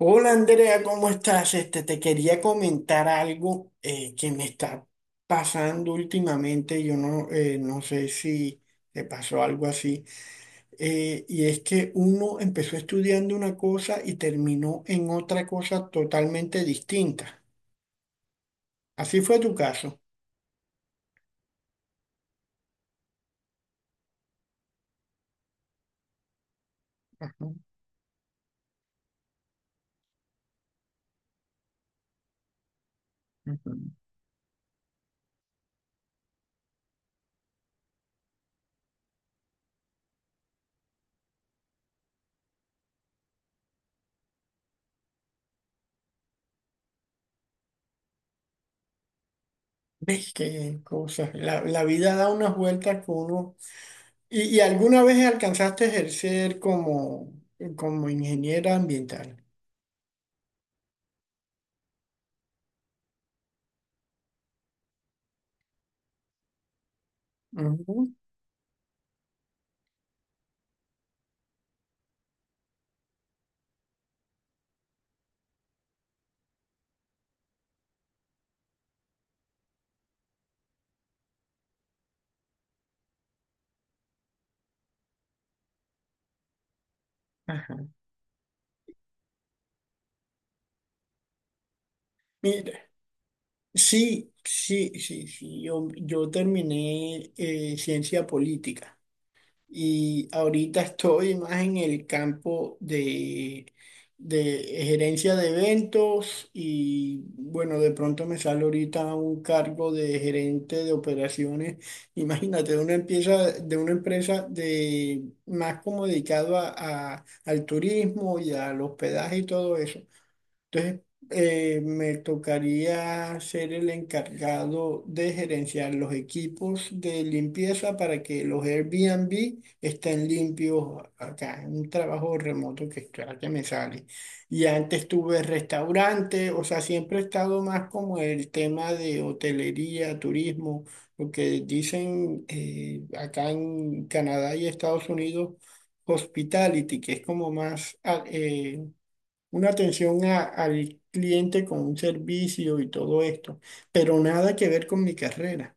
Hola Andrea, ¿cómo estás? Te quería comentar algo, que me está pasando últimamente. Yo no, No sé si te pasó algo así. Y es que uno empezó estudiando una cosa y terminó en otra cosa totalmente distinta. Así fue tu caso. Ajá, ujú. ¿Ves qué cosas? La vida da unas vueltas que uno... ¿Y alguna vez alcanzaste a ejercer como ingeniera ambiental? Ujú. Ajá. Mira, sí, sí, sí, sí. Yo terminé ciencia política y ahorita estoy más en el campo de gerencia de eventos y bueno, de pronto me sale ahorita un cargo de gerente de operaciones. Imagínate, de una empresa, de una empresa de más como dedicado a, al turismo y al hospedaje y todo eso. Entonces, me tocaría ser el encargado de gerenciar los equipos de limpieza para que los Airbnb estén limpios acá, un trabajo remoto que me sale. Y antes tuve restaurante, o sea, siempre he estado más como el tema de hotelería, turismo, lo que dicen, acá en Canadá y Estados Unidos, hospitality, que es como más... una atención al cliente con un servicio y todo esto, pero nada que ver con mi carrera.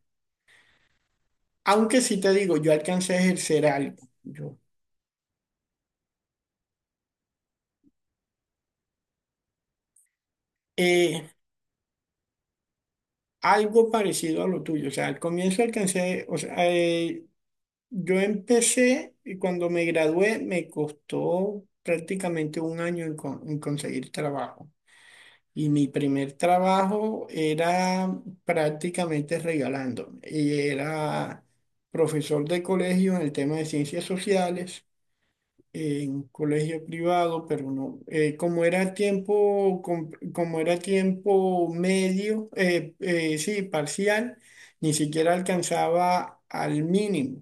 Aunque sí te digo, yo alcancé a ejercer algo, yo, eh, algo parecido a lo tuyo, o sea, al comienzo alcancé, o sea, yo empecé y cuando me gradué me costó prácticamente un año en, en conseguir trabajo. Y mi primer trabajo era prácticamente regalando. Y era profesor de colegio en el tema de ciencias sociales, en colegio privado, pero no, como era tiempo, como era tiempo medio, sí, parcial, ni siquiera alcanzaba al mínimo,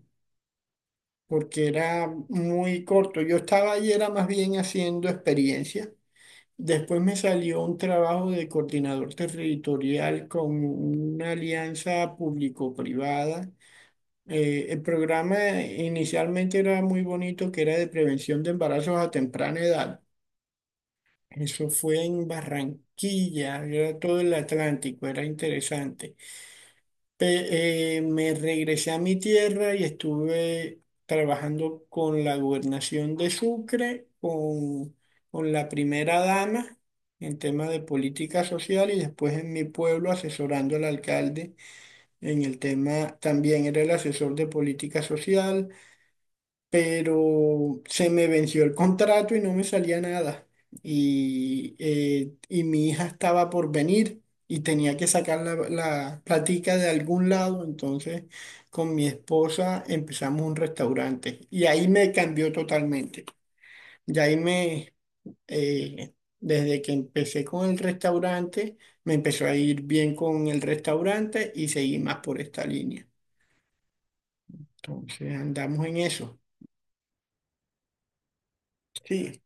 porque era muy corto. Yo estaba ahí, era más bien haciendo experiencia. Después me salió un trabajo de coordinador territorial con una alianza público-privada. El programa inicialmente era muy bonito, que era de prevención de embarazos a temprana edad. Eso fue en Barranquilla, era todo el Atlántico, era interesante. Me regresé a mi tierra y estuve trabajando con la gobernación de Sucre, con la primera dama en tema de política social y después en mi pueblo asesorando al alcalde en el tema, también era el asesor de política social, pero se me venció el contrato y no me salía nada. Y mi hija estaba por venir y tenía que sacar la platica de algún lado, entonces con mi esposa empezamos un restaurante y ahí me cambió totalmente. Y ahí me, eh, Desde que empecé con el restaurante, me empezó a ir bien con el restaurante y seguí más por esta línea. Entonces andamos en eso. Sí.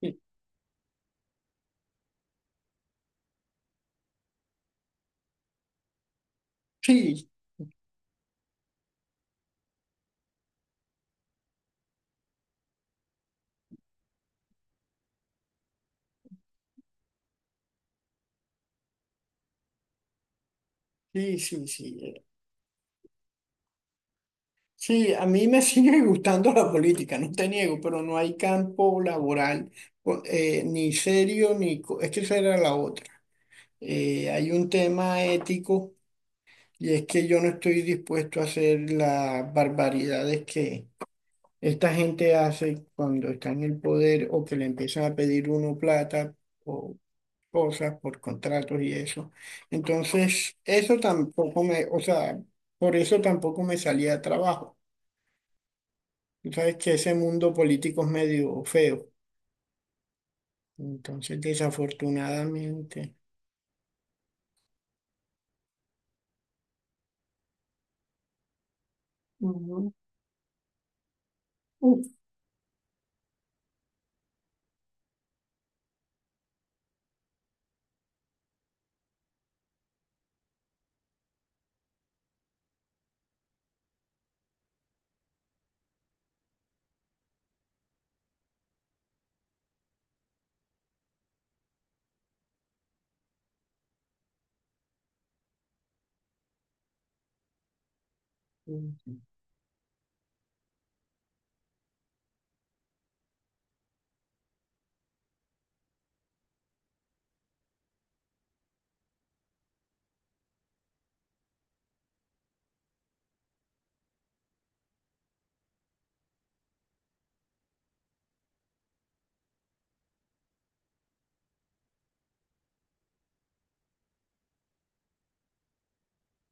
Sí, sí. Sí, sí, sí. Sí, a mí me sigue gustando la política, no te niego, pero no hay campo laboral ni serio ni... Es que esa era la otra. Hay un tema ético y es que yo no estoy dispuesto a hacer las barbaridades que esta gente hace cuando está en el poder o que le empiezan a pedir uno plata o cosas por contratos y eso. Entonces, eso tampoco me... O sea, por eso tampoco me salía de trabajo. Tú sabes que ese mundo político es medio feo. Entonces, desafortunadamente. Ujú. Uf, ujú.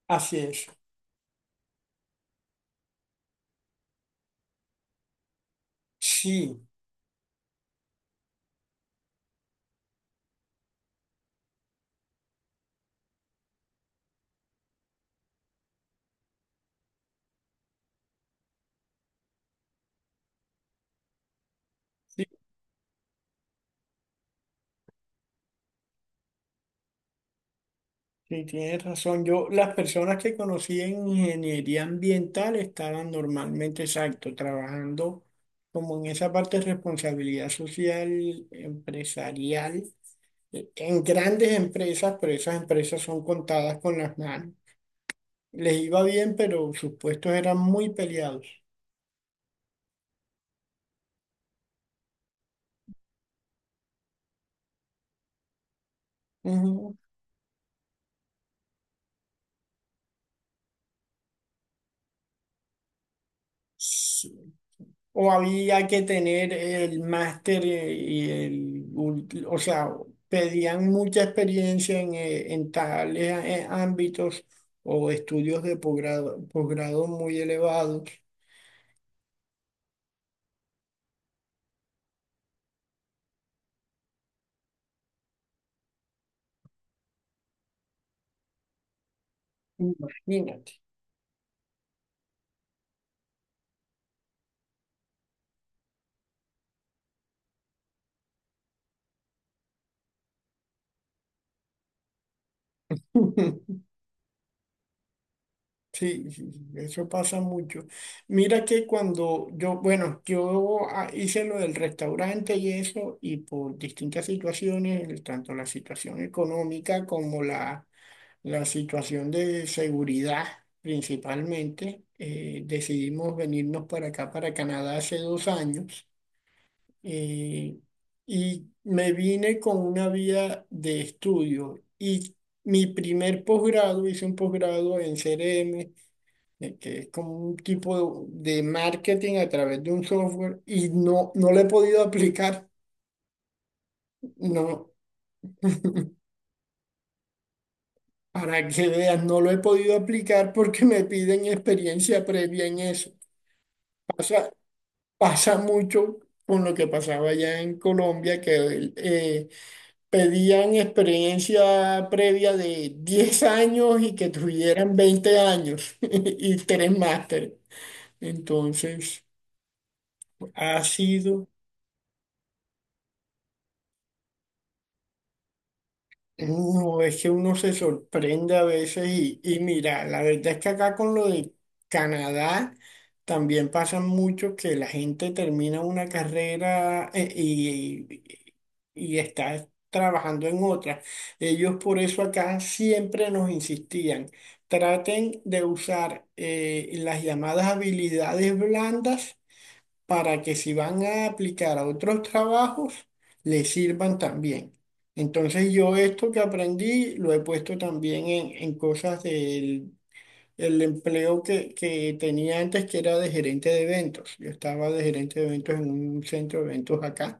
Así es. Sí, sí, sí, tienes razón. Yo, las personas que conocí en ingeniería ambiental estaban normalmente, exacto, trabajando como en esa parte de responsabilidad social, empresarial, en grandes empresas, pero esas empresas son contadas con las manos. Les iba bien, pero sus puestos eran muy peleados. Ujú. Sí. O había que tener el máster, y el, o sea, pedían mucha experiencia en tales, ámbitos o estudios de posgrado, posgrado muy elevados. Imagínate. Sí, sí, sí, eso pasa mucho. Mira que cuando yo, bueno, yo, hice lo del restaurante y eso, y por distintas situaciones, tanto la situación económica como la la situación de seguridad principalmente. Decidimos venirnos para acá, para Canadá, hace 2 años, eh, y me vine con una vía de estudio y mi primer posgrado, hice un posgrado en CRM, que es como un tipo de marketing a través de un software y no, no lo he podido aplicar, no. Para que veas, no lo he podido aplicar porque me piden experiencia previa en eso. pasa Pasa mucho con lo que pasaba allá en Colombia, que pedían experiencia previa de 10 años y que tuvieran 20 años y tres másteres. Entonces, ha sido... No, es que uno se sorprende a veces y mira, la verdad es que acá con lo de Canadá también pasa mucho que la gente termina una carrera, y está trabajando en otra. Ellos por eso acá siempre nos insistían, traten de usar, las llamadas habilidades blandas para que si van a aplicar a otros trabajos, les sirvan también. Entonces yo esto que aprendí lo he puesto también en cosas del el empleo que tenía antes, que era de gerente de eventos. Yo estaba de gerente de eventos en un centro de eventos acá.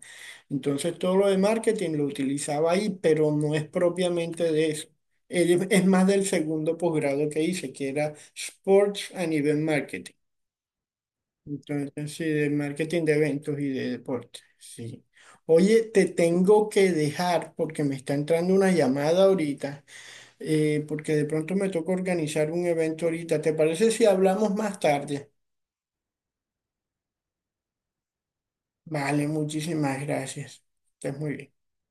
Entonces todo lo de marketing lo utilizaba ahí, pero no es propiamente de eso. Es más del segundo posgrado que hice, que era Sports and event marketing. Entonces, sí, de marketing de eventos y de deporte, sí. Oye, te tengo que dejar porque me está entrando una llamada ahorita, porque de pronto me toca organizar un evento ahorita. ¿Te parece si hablamos más tarde? Vale, muchísimas gracias. Estás muy bien.